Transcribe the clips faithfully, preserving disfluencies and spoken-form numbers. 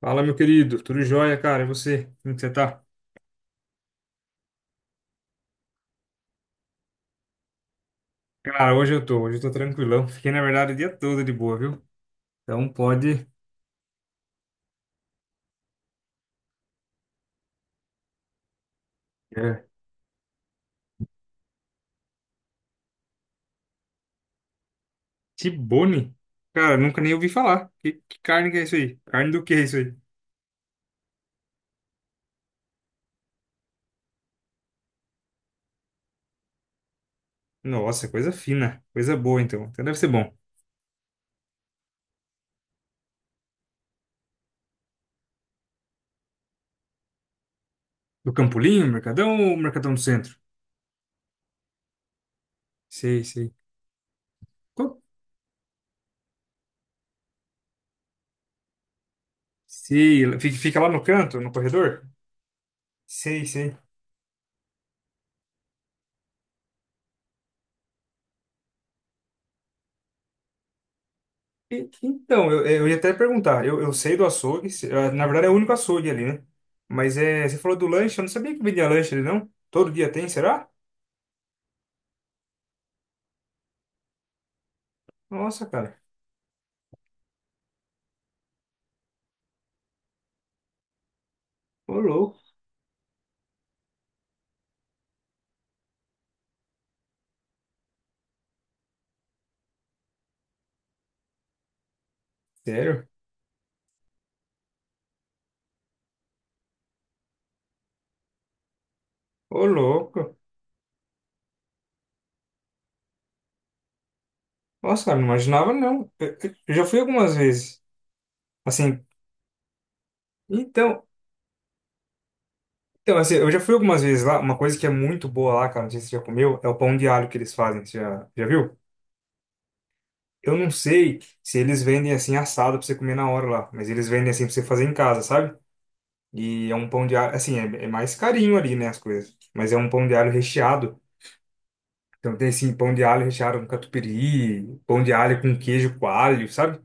Fala, meu querido. Tudo jóia, cara? E você? Como que você tá? Cara, hoje eu tô. Hoje eu tô tranquilão. Fiquei, na verdade, o dia todo de boa, viu? Então pode. É. Tibone? Cara, nunca nem ouvi falar. Que, que carne que é isso aí? Carne do que é isso aí? Nossa, coisa fina. Coisa boa, então. Então deve ser bom. Do Campolim, Mercadão ou Mercadão do Centro? Sei, sei. Qual- Sei. Fica fica lá no canto, no corredor? Sei, sei. E- Então, eu, eu ia até perguntar. Eu, eu sei do açougue, se- ah, na verdade é o único açougue ali, né? Mas é, você falou do lanche, eu não sabia que vendia lanche ali, não? Todo dia tem, será? Nossa, cara. Ô, louco. Sério? Ô, louco. Nossa, cara, não imaginava, não. Eu, eu- eu já fui algumas vezes. Assim, então, então, assim, eu já fui algumas vezes lá. Uma coisa que é muito boa lá, cara, não sei se você já comeu, é o pão de alho que eles fazem. Você já, já viu? Eu não sei se eles vendem assim assado pra você comer na hora lá, mas eles vendem assim pra você fazer em casa, sabe? E é um pão de alho, assim, é, é mais carinho ali, né, as coisas. Mas é um pão de alho recheado. Então tem, assim, pão de alho recheado com catupiry, pão de alho com queijo coalho, sabe?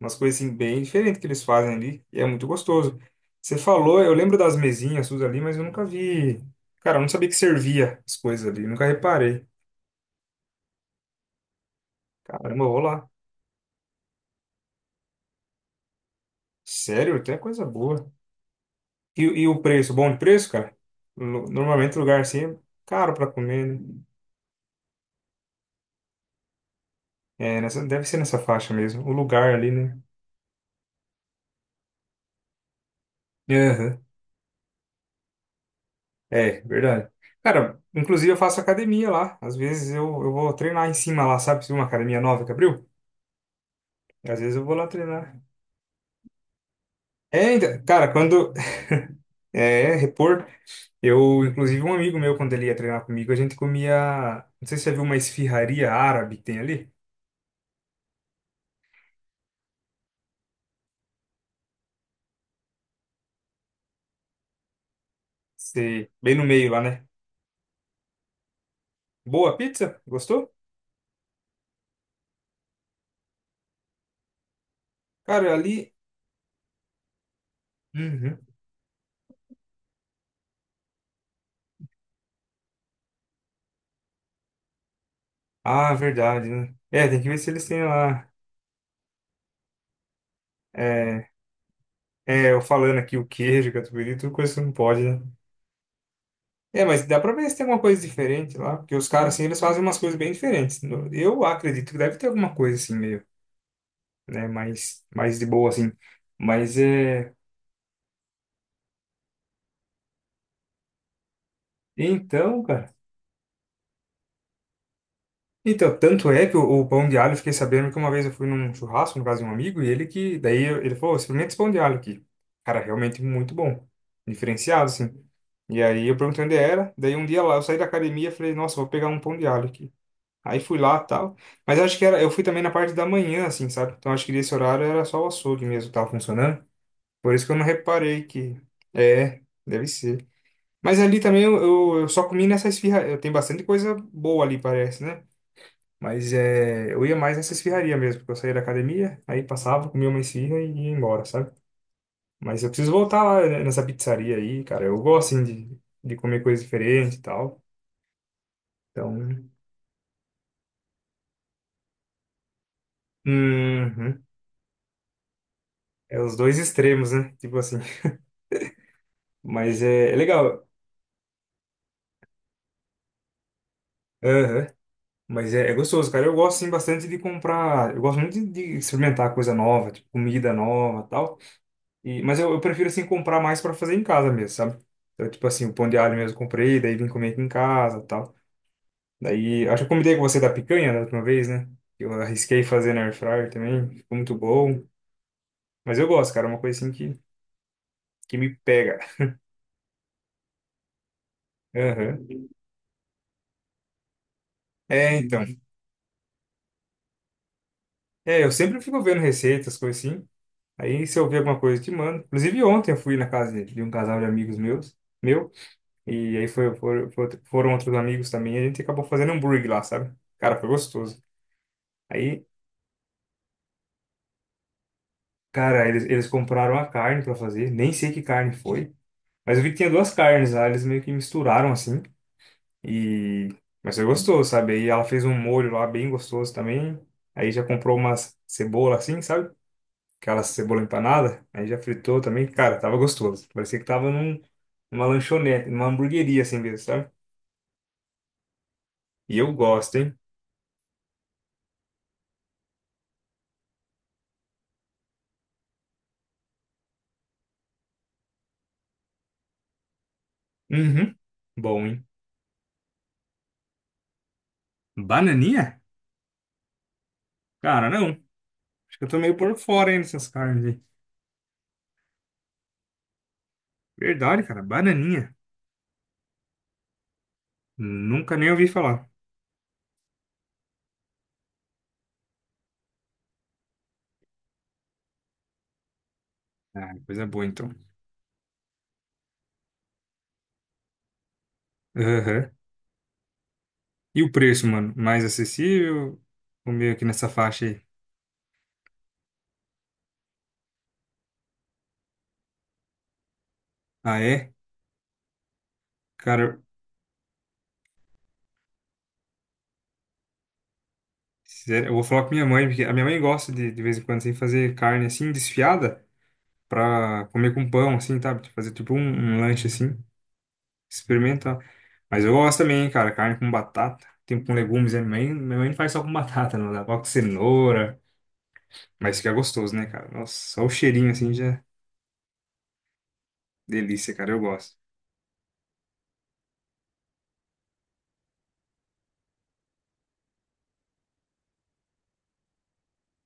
Umas coisas, assim, bem diferentes que eles fazem ali. E é muito gostoso. Você falou, eu lembro das mesinhas suas ali, mas eu nunca vi. Cara, eu não sabia que servia as coisas ali, nunca reparei. Caramba, eu vou lá. Sério, até coisa boa. E, e o preço? Bom de preço, cara? Lu- Normalmente lugar assim é caro pra comer, né? É, nessa, deve ser nessa faixa mesmo. O lugar ali, né? Aham. É, verdade. Cara, inclusive eu faço academia lá. Às vezes eu, eu vou treinar em cima lá, sabe? Se uma academia nova que abriu, às vezes eu vou lá treinar. É, então, cara, quando é repor, eu, inclusive, um amigo meu, quando ele ia treinar comigo, a gente comia. Não sei se você viu uma esfirraria árabe que tem ali. Você- bem no meio lá, né? Boa pizza? Gostou? Cara, ali. Uhum. Ah, verdade, né? É, tem que ver se eles têm lá. É, é, eu falando aqui o queijo, catupiry, tudo coisa que não pode, né? É, mas dá pra ver se tem alguma coisa diferente lá, porque os caras, assim, eles fazem umas coisas bem diferentes. No- Eu acredito que deve ter alguma coisa, assim, meio, né, mais, mais de boa, assim. Mas, é. Então, cara. Então, tanto é que o, o pão de alho, eu fiquei sabendo que uma vez eu fui num churrasco, no caso de um amigo, e ele que. Daí eu- ele falou, experimenta esse pão de alho aqui. Cara, realmente muito bom. Diferenciado, assim. E aí eu perguntei onde era, daí um dia lá eu saí da academia e falei, nossa, vou pegar um pão de alho aqui. Aí fui lá e tal. Mas acho que era, eu fui também na parte da manhã, assim, sabe? Então acho que nesse horário era só o açougue mesmo que tava funcionando. Por isso que eu não reparei que. É, deve ser. Mas ali também eu, eu, eu só comi nessa esfirra. Tem bastante coisa boa ali, parece, né? Mas é, eu ia mais nessa esfirraria mesmo, porque eu saía da academia, aí passava, comia uma esfirra e ia embora, sabe? Mas eu preciso voltar lá né, nessa pizzaria aí, cara. Eu gosto, assim, de, de comer coisa diferente e tal. Então, uhum, é os dois extremos, né? Tipo assim. Mas é, é legal. Aham. Mas é, é gostoso, cara. Eu gosto, sim, bastante de comprar. Eu gosto muito de, de experimentar coisa nova, tipo, comida nova tal. E, mas eu, eu prefiro, assim, comprar mais pra fazer em casa mesmo, sabe? Então, tipo assim, o pão de alho mesmo eu comprei, daí vim comer aqui em casa tal. Daí, acho que eu comentei com você da picanha né, da última vez, né? Eu arrisquei fazer na air fryer também, ficou muito bom. Mas eu gosto, cara, é uma coisa assim que, que me pega. Aham. É, então. É, eu sempre fico vendo receitas, coisas assim. Aí se eu ver alguma coisa, eu te mando. Inclusive ontem eu fui na casa de de um casal de amigos meus, meu, e aí foi, foram, foram outros amigos também, e a gente acabou fazendo hambúrguer lá, sabe? Cara, foi gostoso. Aí, cara, eles, eles compraram a carne pra fazer, nem sei que carne foi, mas eu vi que tinha duas carnes lá, eles meio que misturaram assim, e. Mas foi gostoso, sabe? Aí ela fez um molho lá bem gostoso também, aí já comprou umas cebola assim, sabe? Aquela cebola empanada, aí já fritou também, cara, tava gostoso. Parecia que tava num, numa lanchonete, numa hamburgueria assim mesmo, sabe? E eu gosto, hein? Uhum. Bom, hein? Bananinha? Cara, não. Acho que eu tô meio por fora aí nessas carnes aí. Verdade, cara, bananinha. Nunca nem ouvi falar. Ah, coisa boa então. Aham. E o preço, mano? Mais acessível? O meio aqui nessa faixa aí. Ah, é? Cara, sério, eu vou falar com minha mãe, porque a minha mãe gosta de, de vez em quando assim, fazer carne assim, desfiada. Pra comer com pão, assim, tá? Fazer tipo um, um lanche assim, experimentar. Mas eu gosto também, cara, carne com batata, tem com legumes, né? Minha mãe, minha mãe não faz só com batata, não, ela coloca cenoura, mas fica gostoso, né, cara? Nossa, só o cheirinho assim já é delícia, cara, eu gosto.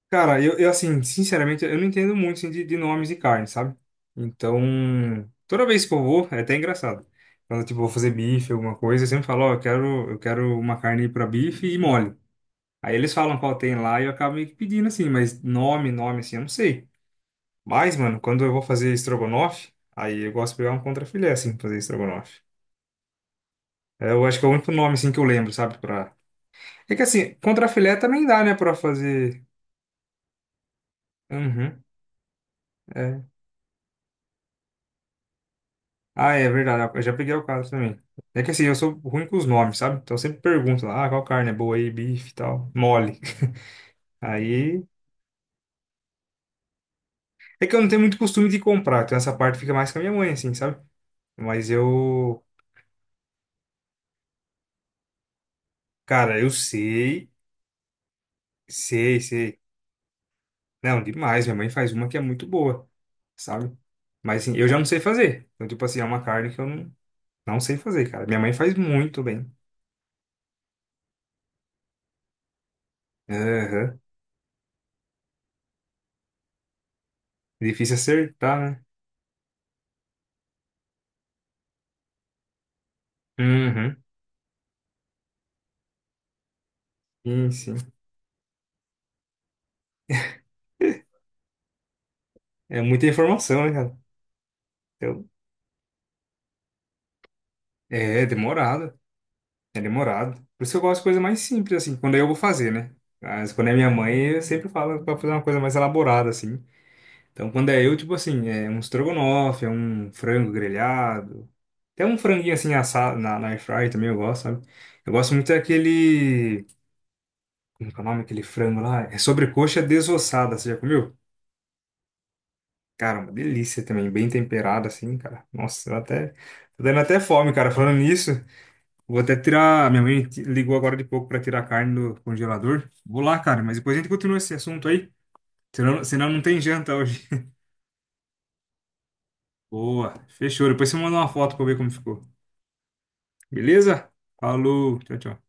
Cara, eu, eu assim, sinceramente, eu não entendo muito assim, de, de nomes de carne, sabe? Então, toda vez que eu vou, é até engraçado. Quando, tipo, vou fazer bife, alguma coisa, eu sempre falo, ó, eu quero, eu quero uma carne pra bife e mole. Aí eles falam qual tem lá e eu acabo meio que pedindo assim, mas nome, nome assim, eu não sei. Mas, mano, quando eu vou fazer estrogonofe, aí eu gosto de pegar um contrafilé assim, pra fazer estrogonofe. É, eu acho que é o único nome assim que eu lembro, sabe? Pra. É que assim, contrafilé também dá, né, pra fazer. Uhum, é. Ah, é verdade, eu já peguei o caso também. É que assim, eu sou ruim com os nomes, sabe? Então eu sempre pergunto lá, ah, qual carne é boa aí, bife e tal, mole. Aí. É que eu não tenho muito costume de comprar, então essa parte fica mais com a minha mãe, assim, sabe? Mas eu. Cara, eu sei, sei, sei. Não, demais. Minha mãe faz uma que é muito boa, sabe? Mas assim, eu já não sei fazer. Então, tipo assim, é uma carne que eu não, não sei fazer, cara. Minha mãe faz muito bem. Aham. Difícil acertar, né? Uhum. Sim, sim. É muita informação, né, cara? Então, é é demorado. É demorado. Por isso que eu gosto de coisa mais simples, assim, quando eu vou fazer, né? Mas quando é minha mãe, eu sempre falo pra fazer uma coisa mais elaborada, assim. Então, quando é eu, tipo assim, é um estrogonofe, é um frango grelhado. Até um franguinho assim assado na, na air fry também eu gosto, sabe? Eu gosto muito daquele. Como que é o nome daquele frango lá? É sobrecoxa desossada, você já comeu? Cara, uma delícia também, bem temperada assim, cara. Nossa, eu até. Tô dando até fome, cara. Falando nisso, vou até tirar. Minha mãe ti- ligou agora de pouco pra tirar a carne do congelador. Vou lá, cara, mas depois a gente continua esse assunto aí. Senão, senão não tem janta hoje. Boa, fechou. Depois você manda uma foto pra eu ver como ficou. Beleza? Falou, tchau, tchau.